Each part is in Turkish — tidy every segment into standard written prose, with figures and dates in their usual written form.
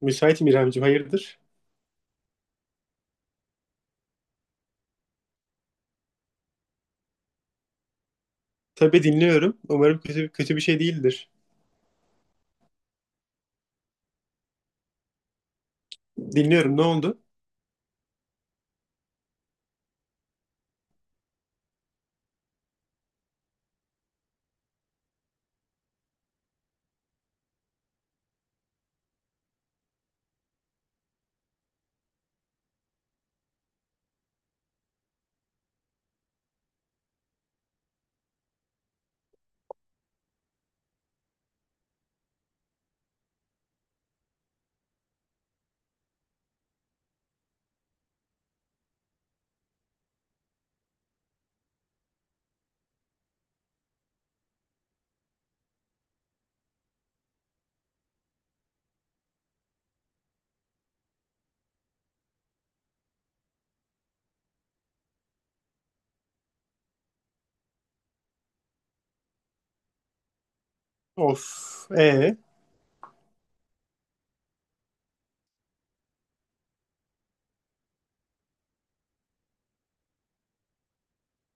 Müsaitim İremciğim, hayırdır? Tabii dinliyorum. Umarım kötü, kötü bir şey değildir. Dinliyorum, ne oldu? Of,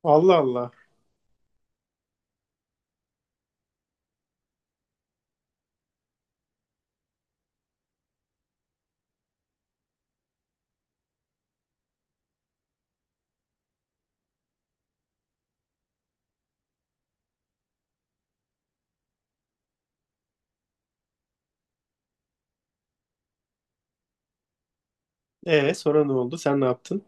Allah Allah. Sonra ne oldu? Sen ne yaptın?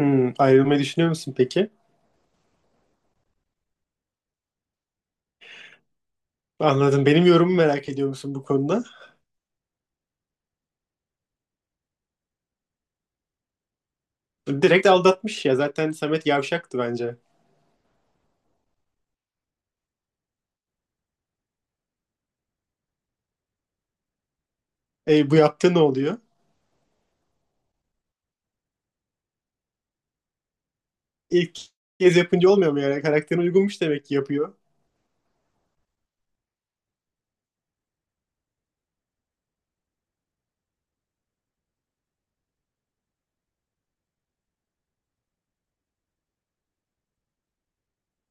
Hmm, ayrılmayı düşünüyor musun peki? Anladım. Benim yorumumu merak ediyor musun bu konuda? Direkt aldatmış ya. Zaten Samet yavşaktı bence. E, bu yaptığı ne oluyor? İlk kez yapınca olmuyor mu yani? Karakterine uygunmuş demek ki yapıyor.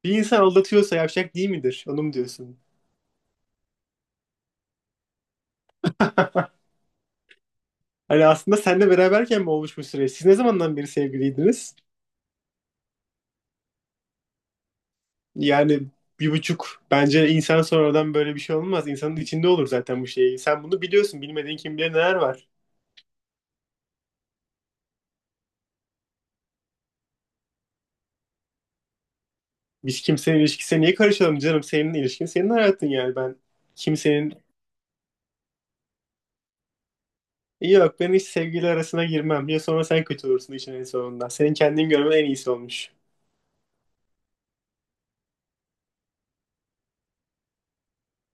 Bir insan aldatıyorsa yavşak değil midir? Onu mu diyorsun? Hani aslında senle beraberken mi olmuş bu süreç? Siz ne zamandan beri sevgiliydiniz? Yani bir buçuk bence insan sonradan böyle bir şey olmaz. İnsanın içinde olur zaten bu şey. Sen bunu biliyorsun. Bilmediğin kim bilir neler var. Biz kimsenin ilişkisine niye karışalım canım? Senin ilişkin senin hayatın yani. Ben kimsenin yok, ben hiç sevgili arasına girmem. Ya sonra sen kötü olursun işin en sonunda. Senin kendini görmen en iyisi olmuş.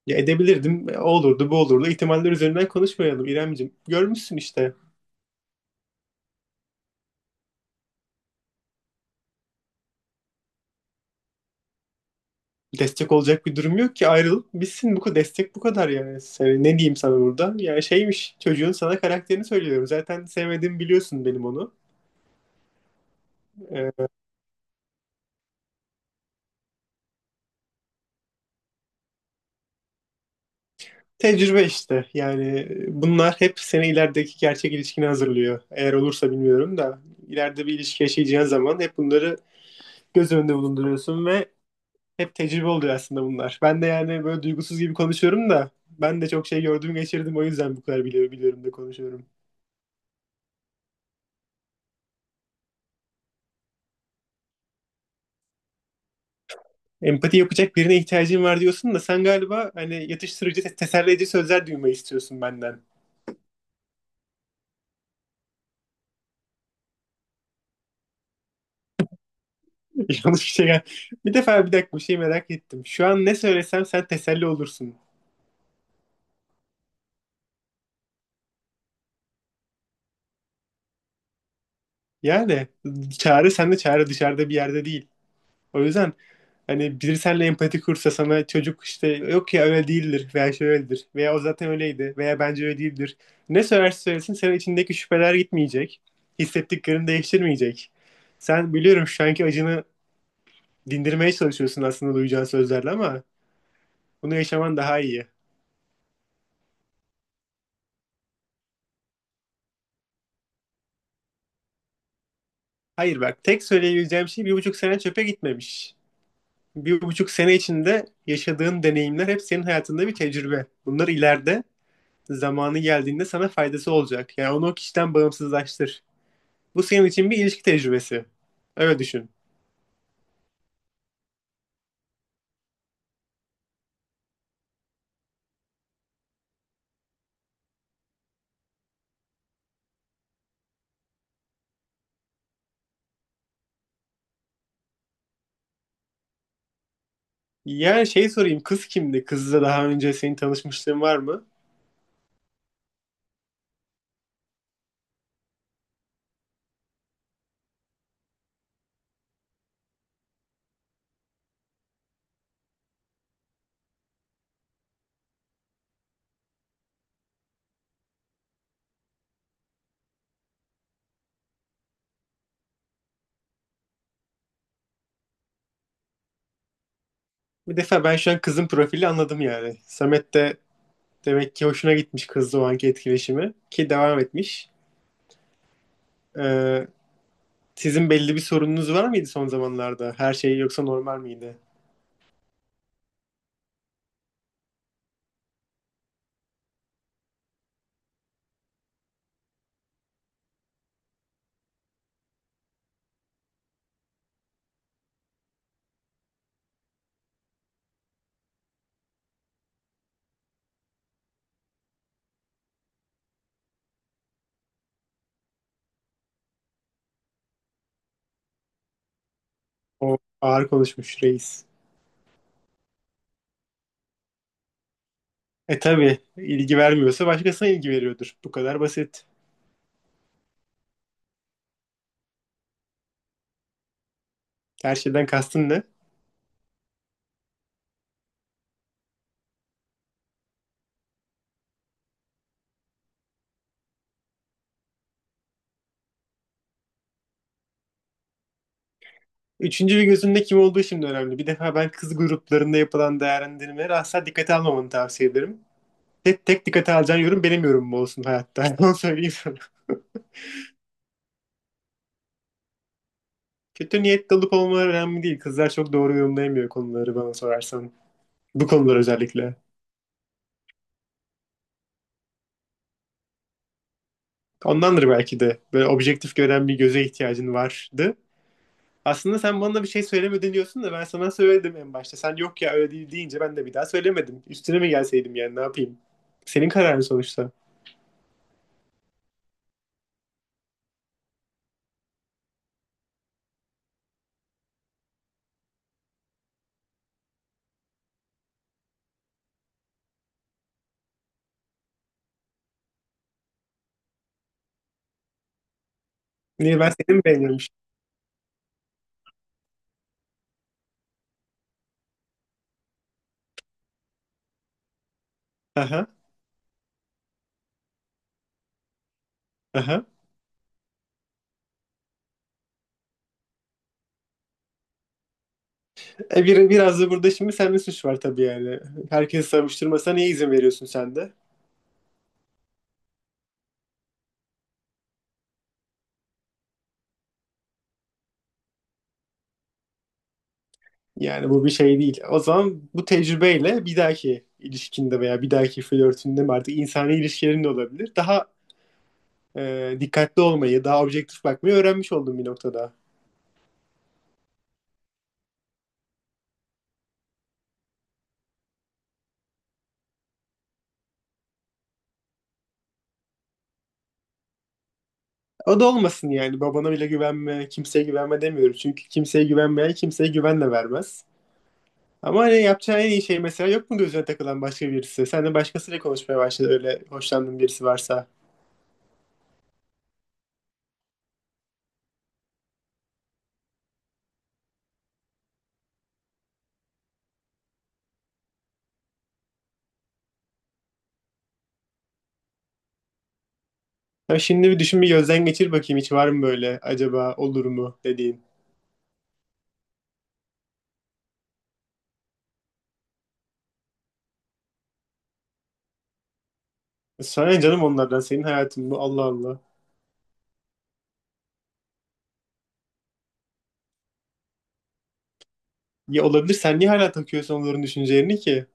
Ya edebilirdim. O olurdu bu olurdu. İhtimaller üzerinden konuşmayalım İremciğim. Görmüşsün işte. Destek olacak bir durum yok ki, ayrılıp bitsin bu kadar, destek bu kadar yani. Ne diyeyim sana burada? Yani şeymiş çocuğun, sana karakterini söylüyorum. Zaten sevmediğimi biliyorsun benim onu. Ee, Tecrübe işte yani, bunlar hep seni ilerideki gerçek ilişkine hazırlıyor. Eğer olursa bilmiyorum da ileride bir ilişki yaşayacağın zaman hep bunları göz önünde bulunduruyorsun ve hep tecrübe oluyor aslında bunlar. Ben de yani böyle duygusuz gibi konuşuyorum da ben de çok şey gördüm geçirdim, o yüzden bu kadar biliyorum, biliyorum da konuşuyorum. Empati yapacak birine ihtiyacın var diyorsun da sen galiba hani yatıştırıcı, teselli edici sözler duymayı istiyorsun benden. Yanlış bir şey. Bir defa bir dakika bir şey merak ettim. Şu an ne söylesem sen teselli olursun. Yani çare sende, çare dışarıda bir yerde değil. O yüzden hani biri seninle empati kursa, sana çocuk işte yok ya öyle değildir veya şöyledir veya o zaten öyleydi veya bence öyle değildir. Ne söylerse söylesin senin içindeki şüpheler gitmeyecek. Hissettiklerini değiştirmeyecek. Sen biliyorum şu anki acını dindirmeye çalışıyorsun aslında duyacağın sözlerle ama bunu yaşaman daha iyi. Hayır bak, tek söyleyebileceğim şey bir buçuk sene çöpe gitmemiş. Bir buçuk sene içinde yaşadığın deneyimler hep senin hayatında bir tecrübe. Bunlar ileride zamanı geldiğinde sana faydası olacak. Yani onu o kişiden bağımsızlaştır. Bu senin için bir ilişki tecrübesi. Öyle düşün. Yani şey sorayım, kız kimdi? Kızla daha önce senin tanışmışlığın var mı? Bir defa ben şu an kızın profili anladım yani. Samet de demek ki hoşuna gitmiş kızla o anki etkileşimi ki devam etmiş. Ee, Sizin belli bir sorununuz var mıydı son zamanlarda? Her şey yoksa normal miydi? O ağır konuşmuş reis. E tabii, ilgi vermiyorsa başkasına ilgi veriyordur. Bu kadar basit. Her şeyden kastın ne? Üçüncü bir gözünde kim olduğu şimdi önemli. Bir defa ben kız gruplarında yapılan değerlendirmeleri asla dikkate almamanı tavsiye ederim. Tek dikkate alacağın yorum benim yorumum olsun hayatta. Onu söyleyeyim sana. Kötü niyetli olup olmaları önemli değil. Kızlar çok doğru yorumlayamıyor konuları, bana sorarsan. Bu konular özellikle. Ondandır belki de. Böyle objektif gören bir göze ihtiyacın vardı. Aslında sen bana bir şey söylemedin diyorsun da ben sana söyledim en başta. Sen yok ya öyle değil deyince ben de bir daha söylemedim. Üstüne mi gelseydim yani, ne yapayım? Senin kararın sonuçta. Niye, ben seni mi beğeniyormuş? Aha. Aha. Biraz da burada şimdi sende suç var tabii yani. Herkesi savuşturmasına niye izin veriyorsun sen de? Yani bu bir şey değil. O zaman bu tecrübeyle bir dahaki ilişkinde veya bir dahaki flörtünde mi, artık insani ilişkilerin de olabilir. Daha dikkatli olmayı, daha objektif bakmayı öğrenmiş oldum bir noktada. O da olmasın yani. Babana bile güvenme, kimseye güvenme demiyorum. Çünkü kimseye güvenmeyen kimseye güven de vermez. Ama hani yapacağı en iyi şey, mesela yok mu gözüne takılan başka birisi? Sen de başkasıyla konuşmaya başladı, öyle hoşlandığın birisi varsa. Ya şimdi bir düşün, bir gözden geçir bakayım, hiç var mı böyle acaba olur mu dediğin. Sana canım onlardan, senin hayatın bu, Allah Allah. Ya olabilir, sen niye hala takıyorsun onların düşüncelerini ki?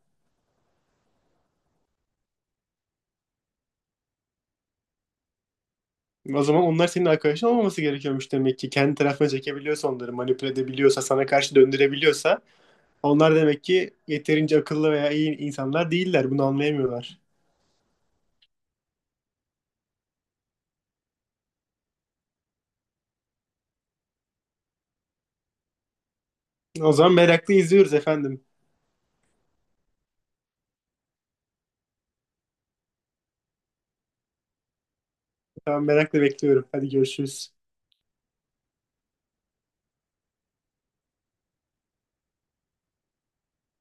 O zaman onlar senin arkadaşın olmaması gerekiyormuş demek ki. Kendi tarafına çekebiliyorsa, onları manipüle edebiliyorsa, sana karşı döndürebiliyorsa onlar demek ki yeterince akıllı veya iyi insanlar değiller. Bunu anlayamıyorlar. O zaman merakla izliyoruz efendim. Tamam, merakla bekliyorum. Hadi görüşürüz.